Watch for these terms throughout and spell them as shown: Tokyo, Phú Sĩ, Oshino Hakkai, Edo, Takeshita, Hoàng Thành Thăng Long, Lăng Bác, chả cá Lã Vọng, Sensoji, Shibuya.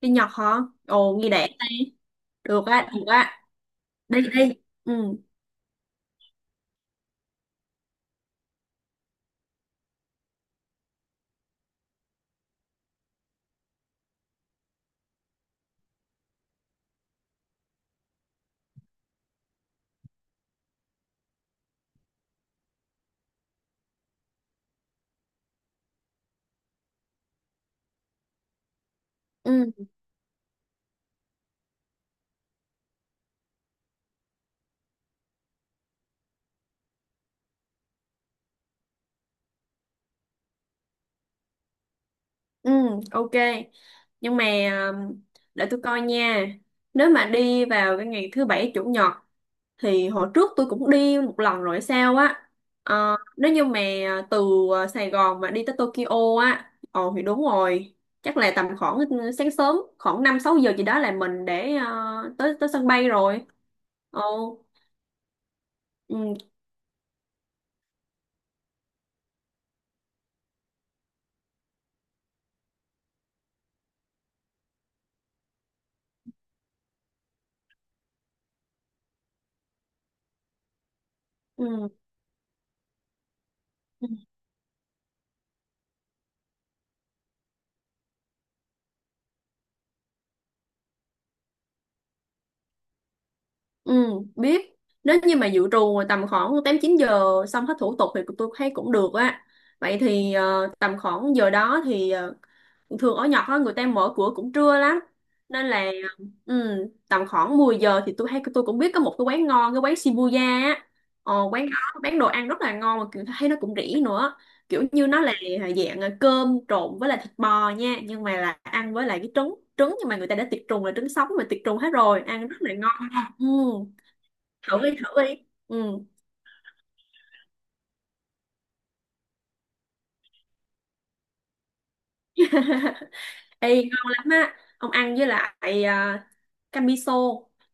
Đi Nhật hả? Ồ, nghe đã đi. Được á, được á. Đi, đi. Ừ, ừ, ừ, ok. Nhưng mà um, để tôi coi nha. Nếu mà đi vào cái ngày thứ bảy chủ nhật thì hồi trước tôi cũng đi một lần rồi sao á. Ờ, nếu như mà từ Sài Gòn mà đi tới Tokyo á, ồ thì đúng rồi. Chắc là tầm khoảng sáng sớm, khoảng 5-6 giờ gì đó là mình để tới tới sân bay rồi. Ồ, ừ, ừ. Ừ. Ừ, biết. Nếu như mà dự trù tầm khoảng 8-9 giờ xong hết thủ tục thì tôi thấy cũng được á. Vậy thì tầm khoảng giờ đó thì thường ở Nhật á, người ta mở cửa cũng trưa lắm. Nên là ừ, tầm khoảng 10 giờ thì tôi thấy tôi cũng biết có một cái quán ngon, cái quán Shibuya á. Ờ, quán đó bán đồ ăn rất là ngon mà kiểu thấy nó cũng rẻ nữa. Kiểu như nó là dạng cơm trộn với lại thịt bò nha, nhưng mà là ăn với lại cái trứng trứng nhưng mà người ta đã tiệt trùng là trứng sống mà tiệt trùng hết rồi, ăn rất là ngon. Ừ, thử đi thử đi. Ừ. Ê, ngon lắm á, ông ăn với lại canh miso,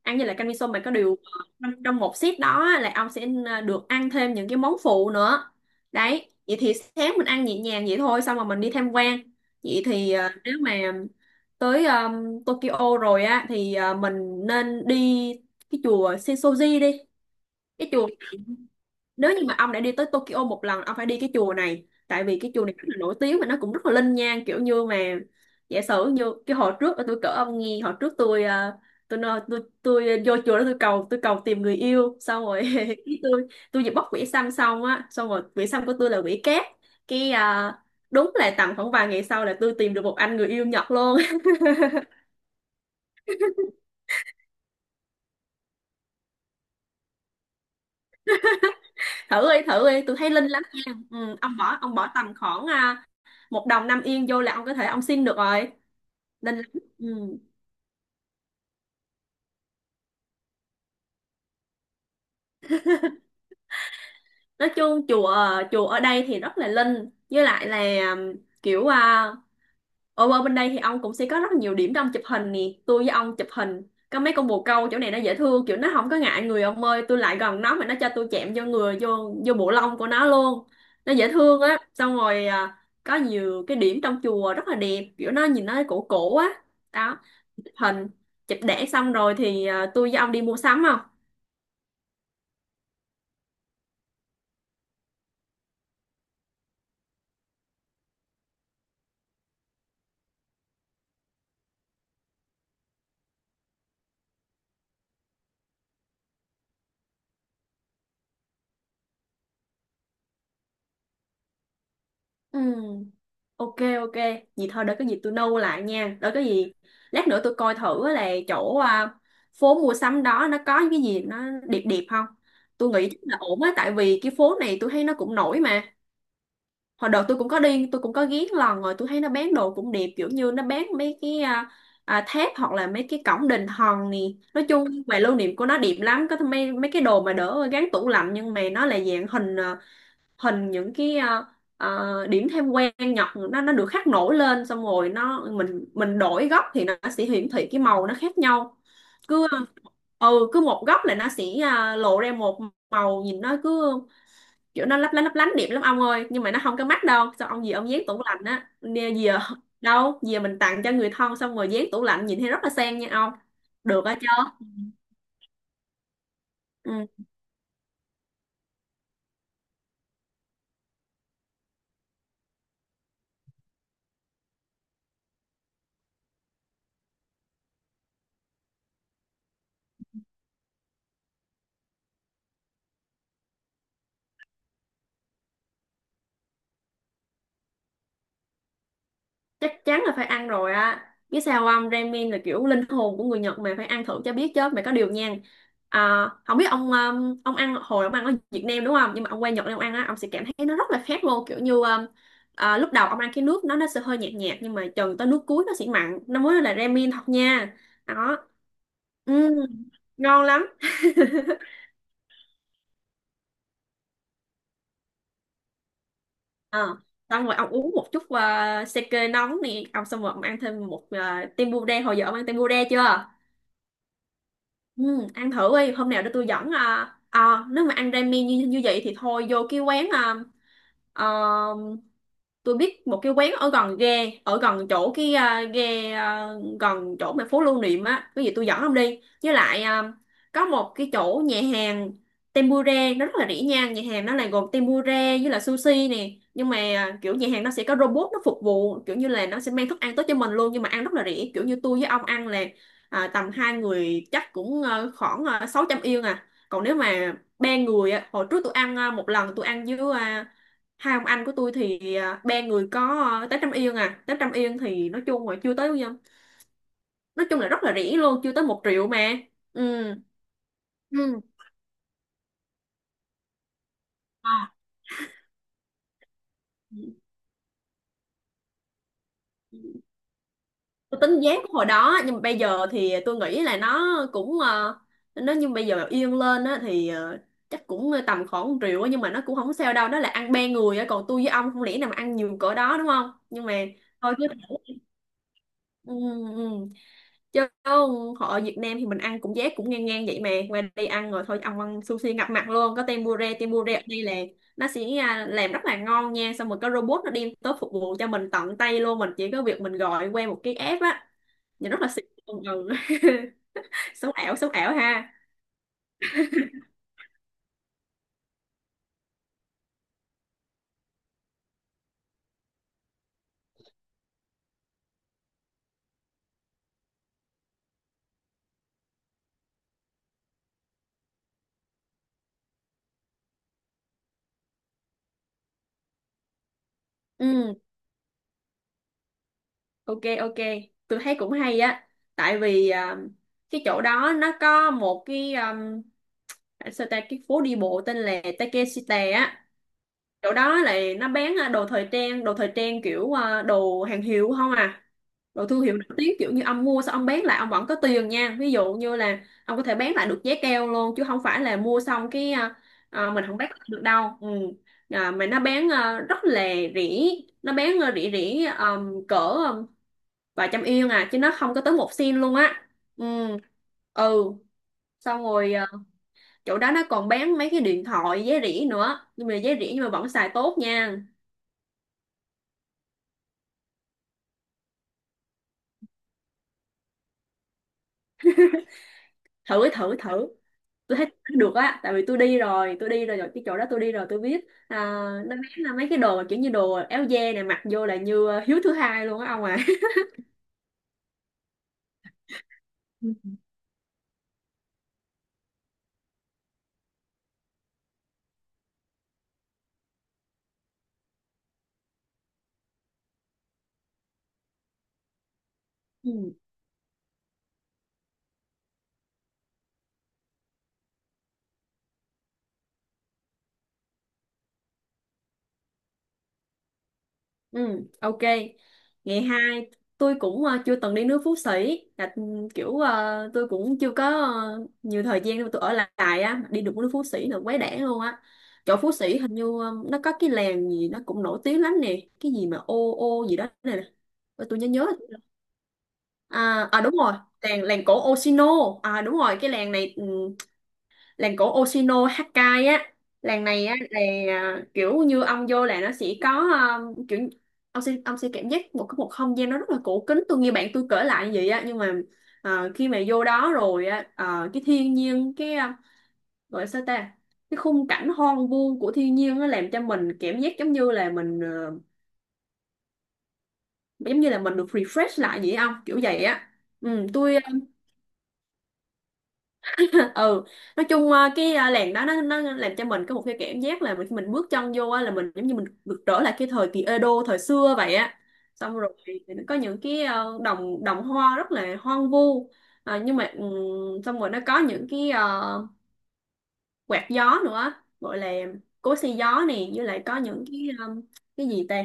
ăn với lại canh miso mà có điều trong một set đó á, là ông sẽ được ăn thêm những cái món phụ nữa đấy. Vậy thì sáng mình ăn nhẹ nhàng vậy thôi, xong rồi mình đi tham quan. Vậy thì nếu mà tới Tokyo rồi á thì mình nên đi cái chùa Sensoji đi. Cái chùa, nếu như mà ông đã đi tới Tokyo một lần ông phải đi cái chùa này, tại vì cái chùa này rất là nổi tiếng và nó cũng rất là linh nhang. Kiểu như mà giả sử như cái hồi trước tôi cỡ ông nghe, hồi trước tôi tôi vô chùa đó, tôi cầu tìm người yêu, xong rồi cái tôi vừa bóc quỷ xăm xong á, xong rồi quỷ xăm của tôi là quỷ cát, cái đúng là tầm khoảng vài ngày sau là tôi tìm được một anh người yêu Nhật luôn. Thử đi thử đi, tôi thấy linh lắm nha. Ừ, ông bỏ tầm khoảng một đồng 5 yên vô là ông có thể ông xin được rồi, linh lắm. Ừ. Nói chung chùa, chùa ở đây thì rất là linh, với lại là um, kiểu ở ở bên đây thì ông cũng sẽ có rất là nhiều điểm để ông chụp hình nè. Tôi với ông chụp hình có mấy con bồ câu, chỗ này nó dễ thương, kiểu nó không có ngại người, ông ơi tôi lại gần nó mà nó cho tôi chạm vô người, vô vô bộ lông của nó luôn. Nó dễ thương á. Xong rồi có nhiều cái điểm trong chùa rất là đẹp, kiểu nó nhìn nó cổ cổ á. Đó, chụp hình, chụp đẻ xong rồi thì tôi với ông đi mua sắm không? Ừ. Ok, ok, vậy thôi để có gì tôi nâu lại nha. Để có gì lát nữa tôi coi thử là chỗ phố mua sắm đó nó có những cái gì nó đẹp đẹp không. Tôi nghĩ chắc là ổn á, tại vì cái phố này tôi thấy nó cũng nổi mà. Hồi đợt tôi cũng có đi, tôi cũng có ghé lần rồi, tôi thấy nó bán đồ cũng đẹp, kiểu như nó bán mấy cái tháp hoặc là mấy cái cổng đình hòn nè. Nói chung về lưu niệm của nó đẹp lắm, có mấy mấy cái đồ mà đỡ gắn tủ lạnh nhưng mà nó là dạng hình hình những cái điểm thêm quen nhật, nó được khắc nổi lên, xong rồi nó, mình đổi góc thì nó sẽ hiển thị cái màu nó khác nhau. Cứ, ừ, cứ một góc là nó sẽ lộ ra một màu, nhìn nó cứ kiểu nó lấp lánh đẹp lắm ông ơi. Nhưng mà nó không có mắt đâu sao ông, gì ông dán tủ lạnh á nè giờ, đâu giờ mình tặng cho người thân xong rồi dán tủ lạnh nhìn thấy rất là sang nha ông. Được á chứ. Ừ. Chắc chắn là phải ăn rồi á, biết sao không, ramen là kiểu linh hồn của người Nhật mà, phải ăn thử cho biết chứ mày. Có điều nha không biết ông, ông ăn, hồi ông ăn ở Việt Nam đúng không, nhưng mà ông qua Nhật này ông ăn á ông sẽ cảm thấy nó rất là khác luôn. Kiểu như lúc đầu ông ăn cái nước nó sẽ hơi nhạt nhạt, nhưng mà chừng tới nước cuối nó sẽ mặn, nó mới là ramen thật nha. Đó. Ừ, ngon lắm. Ờ, xong rồi ông uống một chút sake nóng nè ông, xong rồi ông ăn thêm một tempura. Hồi giờ ông ăn tempura chưa? Ừ, ăn thử đi hôm nào để tôi dẫn nếu mà ăn ramen như như vậy thì thôi vô cái quán à, tôi biết một cái quán ở gần ghe, ở gần chỗ cái ghe gần chỗ mà phố lưu niệm á, cái gì tôi dẫn ông đi, với lại có một cái chỗ nhà hàng tempura nó rất là rẻ nha. Nhà hàng nó là gồm tempura với là sushi nè, nhưng mà kiểu nhà hàng nó sẽ có robot nó phục vụ, kiểu như là nó sẽ mang thức ăn tới cho mình luôn, nhưng mà ăn rất là rẻ. Kiểu như tôi với ông ăn là tầm hai người chắc cũng khoảng 600 yên à, còn nếu mà ba người á, hồi trước tôi ăn một lần tôi ăn với hai ông anh của tôi thì ba người có tới trăm yên à, tới trăm yên thì nói chung là chưa tới bao nhiêu. Nói chung là rất là rẻ luôn, chưa tới 1 triệu mà. Ừ. Ừ. À. Tôi tính giá của hồi đó nhưng mà bây giờ thì tôi nghĩ là nó cũng nó, nhưng bây giờ yên lên á thì chắc cũng tầm khoảng 1 triệu á, nhưng mà nó cũng không sao đâu, đó là ăn ba người á, còn tôi với ông không lẽ nào mà ăn nhiều cỡ đó đúng không, nhưng mà thôi cứ thử. Ừ, ừ. Chứ họ Việt Nam thì mình ăn cũng giá cũng ngang ngang vậy, mà qua đây ăn rồi thôi ông ăn sushi ngập mặt luôn, có tempura, tempura ở đây là nó sẽ làm rất là ngon nha, xong rồi có robot nó đem tới phục vụ cho mình tận tay luôn, mình chỉ có việc mình gọi qua một cái app á, nhìn rất là xịn. Ừ. Ừ. Sống ảo sống ảo ha. Ừ, ok, ok, tôi thấy cũng hay á, tại vì cái chỗ đó nó có một cái sao ta, cái phố đi bộ tên là Takeshita á. Chỗ đó là nó bán đồ thời trang, đồ thời trang kiểu đồ hàng hiệu không à, đồ thương hiệu nổi tiếng, kiểu như ông mua xong ông bán lại ông vẫn có tiền nha. Ví dụ như là ông có thể bán lại được giá cao luôn, chứ không phải là mua xong cái mình không bán lại được đâu. Ừ. Mà nó bán rất là rẻ, nó bán rẻ rẻ cỡ vài trăm yên à, chứ nó không có tới một sen luôn á. Ừ. Ừ. Xong rồi chỗ đó nó còn bán mấy cái điện thoại giá rẻ nữa, nhưng mà giá rẻ nhưng mà vẫn xài tốt nha. Thử thử thử, tôi thấy được á, tại vì tôi đi rồi rồi cái chỗ đó tôi đi rồi tôi biết nó bán là mấy cái đồ mà kiểu như đồ áo da này, mặc vô là như hiếu thứ hai luôn á ông à. Ừ. Ừ, ừ, ok. Ngày hai, tôi cũng chưa từng đi nước Phú Sĩ, là ừ, kiểu tôi cũng chưa có nhiều thời gian để mà tôi ở lại á, đi được nước Phú Sĩ là quá đẻ luôn á. Chỗ Phú Sĩ hình như nó có cái làng gì nó cũng nổi tiếng lắm nè, cái gì mà ô ô gì đó này. Ôi, tôi nhớ nhớ rồi. À, à đúng rồi. Làng làng cổ Oshino. À đúng rồi, cái làng này làng cổ Oshino Hakkai á. Làng này á là kiểu như ông vô là nó sẽ có, à, kiểu ông sẽ cảm giác một cái một không gian nó rất là cổ kính, tôi nghe bạn tôi kể lại như vậy á. Nhưng mà khi mà vô đó rồi á, cái thiên nhiên cái gọi là sao ta, cái khung cảnh hoang vu của thiên nhiên nó làm cho mình cảm giác giống như là mình giống như là mình được refresh lại vậy không, kiểu vậy á. Ừ tôi ừ. Nói chung cái làng đó nó làm cho mình có một cái cảm giác là mình khi mình bước chân vô á là mình giống như mình được trở lại cái thời kỳ Edo thời xưa vậy á. Xong rồi thì nó có những cái đồng đồng hoa rất là hoang vu. Nhưng mà xong rồi nó có những cái quạt gió nữa, gọi là cối xay gió này, với lại có những cái cái gì ta.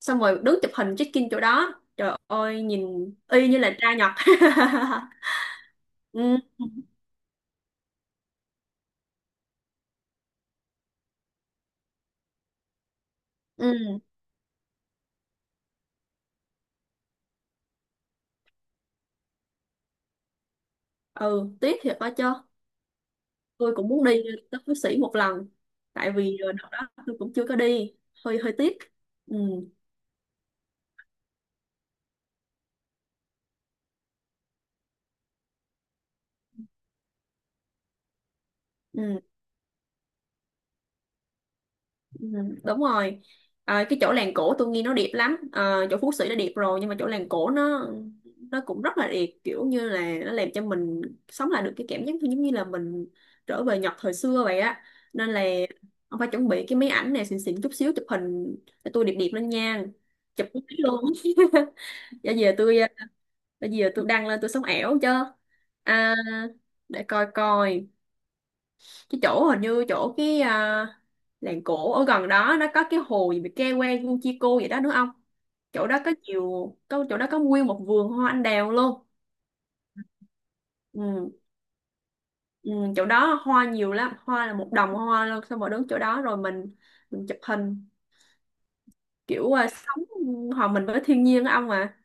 Xong rồi đứng chụp hình check in chỗ đó, trời ơi nhìn y như là trai Nhật. Ừ ừ ừ, tiếc thiệt đó chứ. Tôi cũng muốn đi tới Phú Sĩ một lần. Tại vì đợt đó tôi cũng chưa có đi, hơi hơi tiếc. Ừ ừ. Ừ, đúng rồi. À, cái chỗ làng cổ tôi nghe nó đẹp lắm. À, chỗ Phú Sĩ đã đẹp rồi nhưng mà chỗ làng cổ nó cũng rất là đẹp, kiểu như là nó làm cho mình sống lại được cái cảm giác như- giống như là mình trở về Nhật thời xưa vậy á. Nên là ông phải chuẩn bị cái máy ảnh này xịn xịn chút xíu chụp hình, để tôi đẹp đẹp lên nha. Chụp cái máy luôn. bây giờ tôi bây giờ tôi đăng lên tôi sống ảo chứ. à, để coi coi cái chỗ, hình như chỗ cái làng cổ ở gần đó nó có cái hồ gì bị ke que Guchico vậy đó, đúng không? Chỗ đó có nhiều, có chỗ đó có nguyên một vườn hoa anh đào luôn. Ừ, ừ, chỗ đó hoa nhiều lắm, hoa là một đồng hoa luôn, xong rồi đứng chỗ đó rồi mình chụp hình, kiểu sống hòa mình với thiên nhiên á ông à.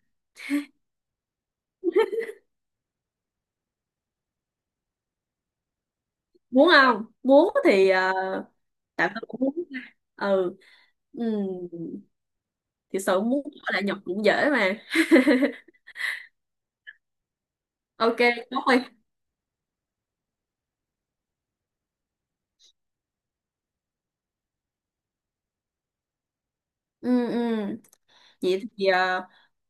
Muốn không muốn thì tạm thời cũng muốn. Ừ. Ừ. Thì sợ muốn ở lại Nhật cũng dễ mà. Ok, chốt đi. Ừ ừ. Vậy thì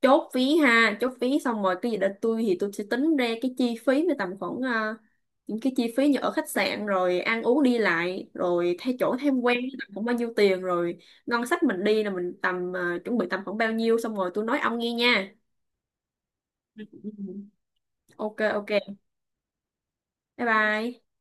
chốt phí ha, chốt phí xong rồi cái gì đó, tôi thì tôi sẽ tính ra cái chi phí với tầm khoảng những cái chi phí như ở khách sạn rồi ăn uống đi lại rồi thay chỗ tham quan tầm khoảng bao nhiêu tiền rồi, ngân sách mình đi là mình tầm chuẩn bị tầm khoảng bao nhiêu, xong rồi tôi nói ông nghe nha. Ừ, ừ, ừ. Ok ok, bye bye.